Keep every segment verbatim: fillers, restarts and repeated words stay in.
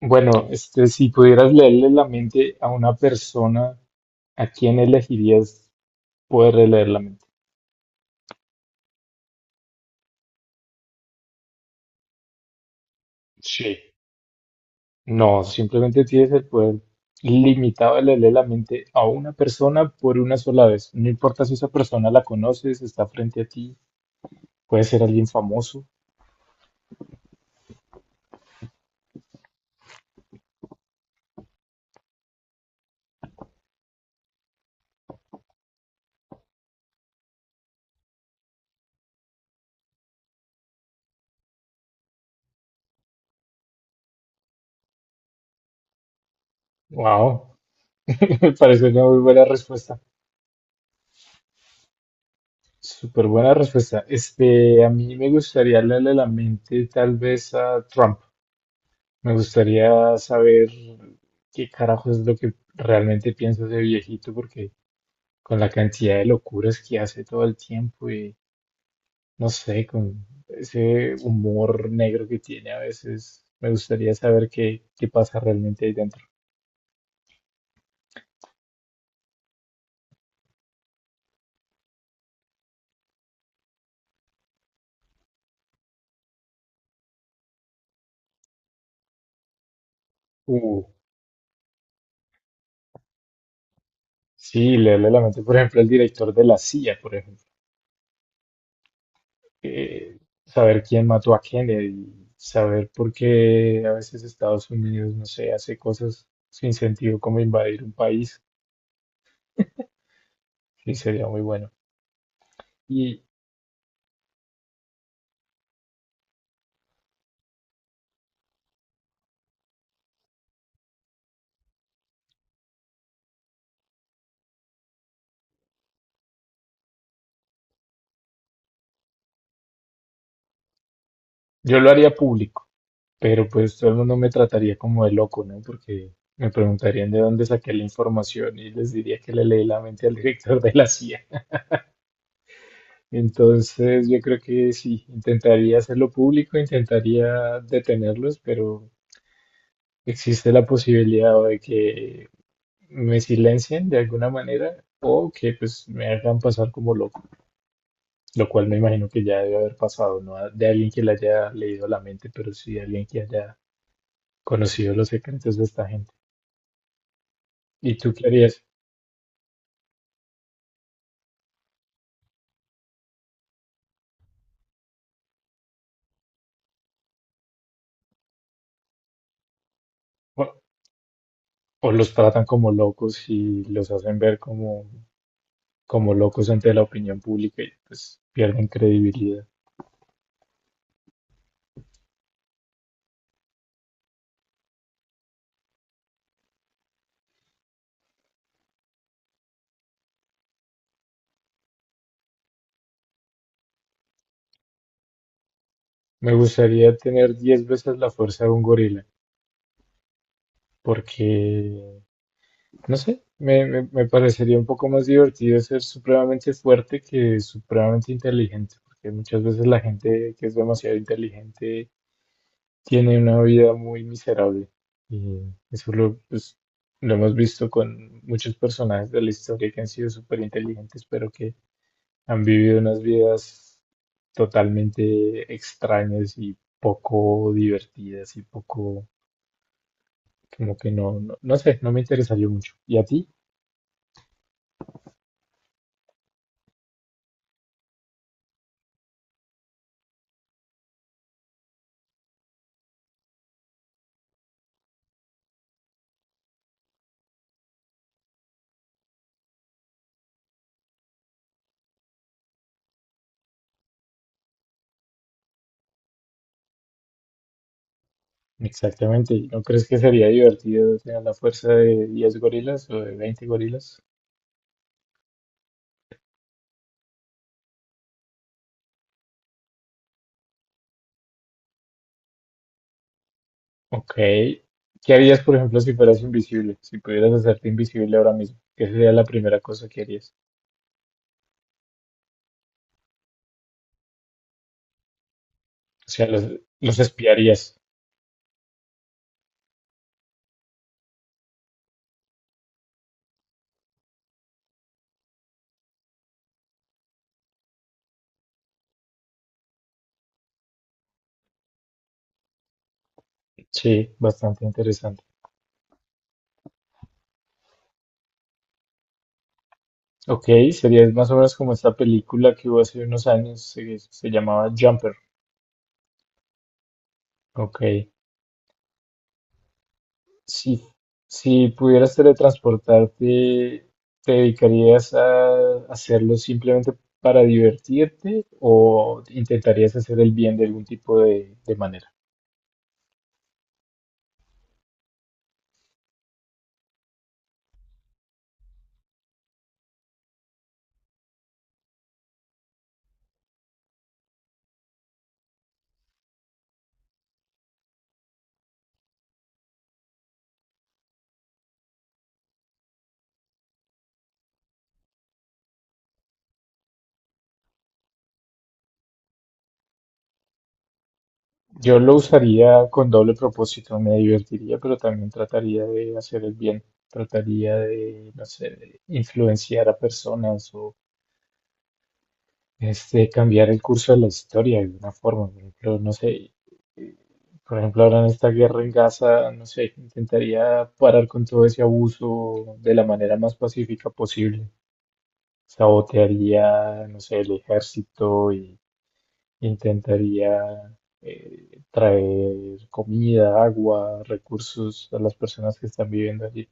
Bueno, este, si pudieras leerle la mente a una persona, ¿a quién elegirías poder leer la mente? Sí. No, simplemente tienes el poder limitado de leerle la mente a una persona por una sola vez. No importa si esa persona la conoces, está frente a ti, puede ser alguien famoso. Wow, me parece una muy buena respuesta. Súper buena respuesta. Este, a mí me gustaría leerle la mente tal vez a Trump. Me gustaría saber qué carajo es lo que realmente piensa ese viejito, porque con la cantidad de locuras que hace todo el tiempo y no sé, con ese humor negro que tiene a veces, me gustaría saber qué, qué pasa realmente ahí dentro. Uh, sí, leerle la mente, por ejemplo, al director de la C I A, por ejemplo. eh, Saber quién mató a Kennedy, saber por qué a veces Estados Unidos, no sé, hace cosas sin sentido como invadir un país. Sí, sería muy bueno. Y yo lo haría público, pero pues todo el mundo me trataría como de loco, ¿no? Porque me preguntarían de dónde saqué la información y les diría que le leí la mente al director de la C I A. Entonces yo creo que sí, intentaría hacerlo público, intentaría detenerlos, pero existe la posibilidad o de que me silencien de alguna manera o que pues me hagan pasar como loco, lo cual me imagino que ya debe haber pasado, no de alguien que le haya leído la mente, pero sí de alguien que haya conocido los secretos de esta gente. ¿Y tú qué harías? O, o los tratan como locos y los hacen ver como, como locos ante la opinión pública y pues pierden credibilidad. Me gustaría tener diez veces la fuerza de un gorila, porque, no sé, me, me, me parecería un poco más divertido ser supremamente fuerte que supremamente inteligente, porque muchas veces la gente que es demasiado inteligente tiene una vida muy miserable. Y eso lo, pues, lo hemos visto con muchos personajes de la historia que han sido súper inteligentes, pero que han vivido unas vidas totalmente extrañas y poco divertidas y poco, como que no, no, no sé, no me interesaría mucho. ¿Y a ti? Exactamente. ¿No crees que sería divertido tener la fuerza de diez gorilas o de veinte gorilas? Ok. ¿Qué harías, por ejemplo, si fueras invisible? Si pudieras hacerte invisible ahora mismo, ¿qué sería la primera cosa que harías? O sea, los, los espiarías. Sí, bastante interesante. Ok, sería más o menos como esta película que hubo hace unos años, se, se llamaba Jumper. Ok. Si, si pudieras teletransportarte, ¿te dedicarías a hacerlo simplemente para divertirte o intentarías hacer el bien de algún tipo de de manera? Yo lo usaría con doble propósito, me divertiría, pero también trataría de hacer el bien, trataría de, no sé, de influenciar a personas o este, cambiar el curso de la historia de alguna forma. Por ejemplo, no sé, eh, por ejemplo, ahora en esta guerra en Gaza, no sé, intentaría parar con todo ese abuso de la manera más pacífica posible. Sabotearía, no sé, el ejército y intentaría eh, traer comida, agua, recursos a las personas que están viviendo allí.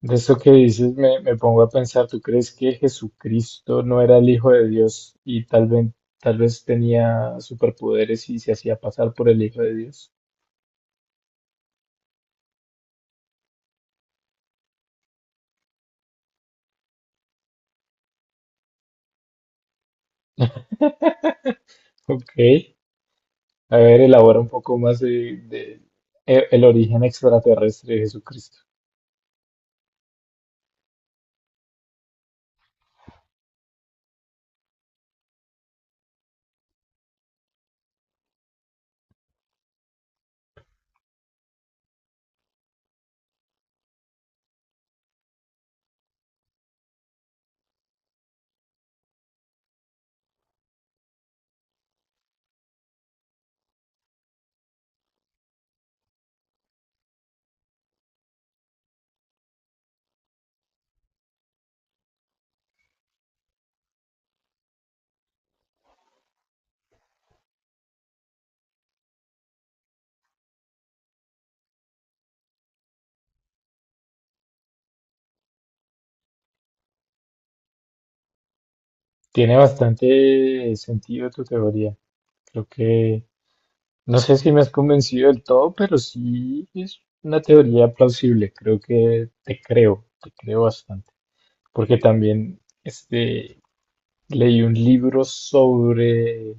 De eso que dices, me, me pongo a pensar, ¿tú crees que Jesucristo no era el Hijo de Dios y tal vez, tal vez tenía superpoderes y se hacía pasar por el Hijo de Dios? Ok, a ver, elabora un poco más de, de- e- el origen extraterrestre de Jesucristo. Tiene bastante sentido tu teoría. Creo que no sé si me has convencido del todo, pero sí es una teoría plausible. Creo que te creo, te creo bastante. Porque también este, leí un libro sobre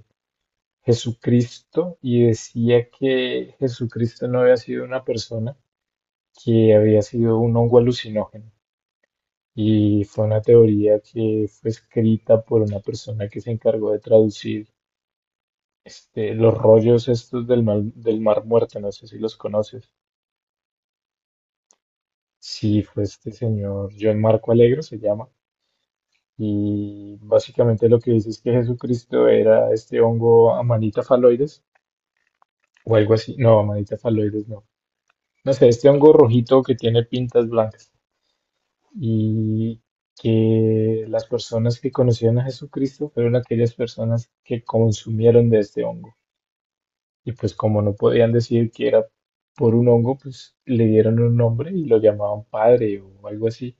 Jesucristo y decía que Jesucristo no había sido una persona, que había sido un hongo alucinógeno. Y fue una teoría que fue escrita por una persona que se encargó de traducir este, los rollos estos del mar, del Mar Muerto, no sé si los conoces. Sí, fue este señor, John Marco Alegro se llama, y básicamente lo que dice es que Jesucristo era este hongo Amanita phalloides o algo así, no, Amanita phalloides no, no sé, este hongo rojito que tiene pintas blancas, y que las personas que conocieron a Jesucristo fueron aquellas personas que consumieron de este hongo, y pues como no podían decir que era por un hongo, pues le dieron un nombre y lo llamaban padre o algo así.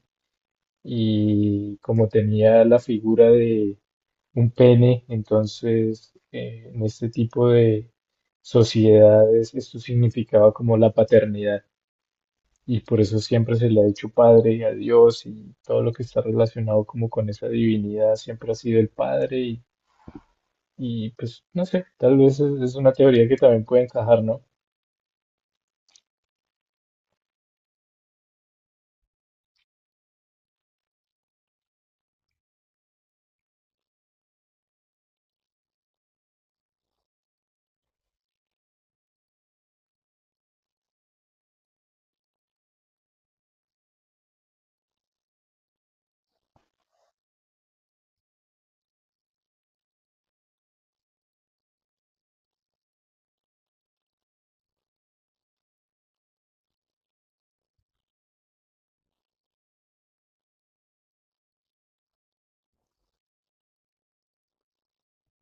Y como tenía la figura de un pene, entonces eh, en este tipo de sociedades esto significaba como la paternidad y por eso siempre se le ha dicho padre a Dios y todo lo que está relacionado como con esa divinidad siempre ha sido el padre y, y, pues no sé, tal vez es, es una teoría que también puede encajar, ¿no?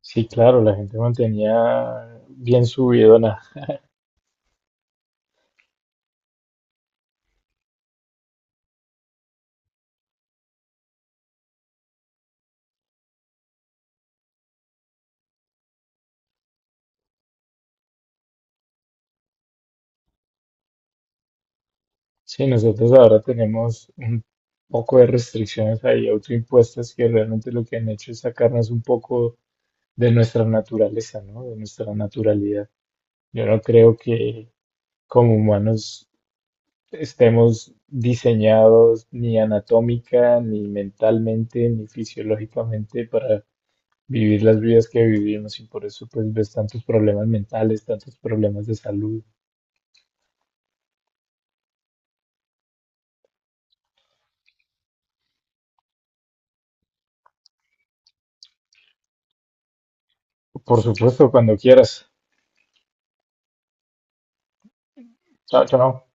Sí, claro, la gente mantenía bien subido. Sí, nosotros ahora tenemos un poco de restricciones ahí autoimpuestas que realmente lo que han hecho es sacarnos un poco de nuestra naturaleza, ¿no? De nuestra naturalidad. Yo no creo que como humanos estemos diseñados ni anatómica, ni mentalmente, ni fisiológicamente para vivir las vidas que vivimos y por eso pues ves tantos problemas mentales, tantos problemas de salud. Por supuesto, cuando quieras. Chao, chao.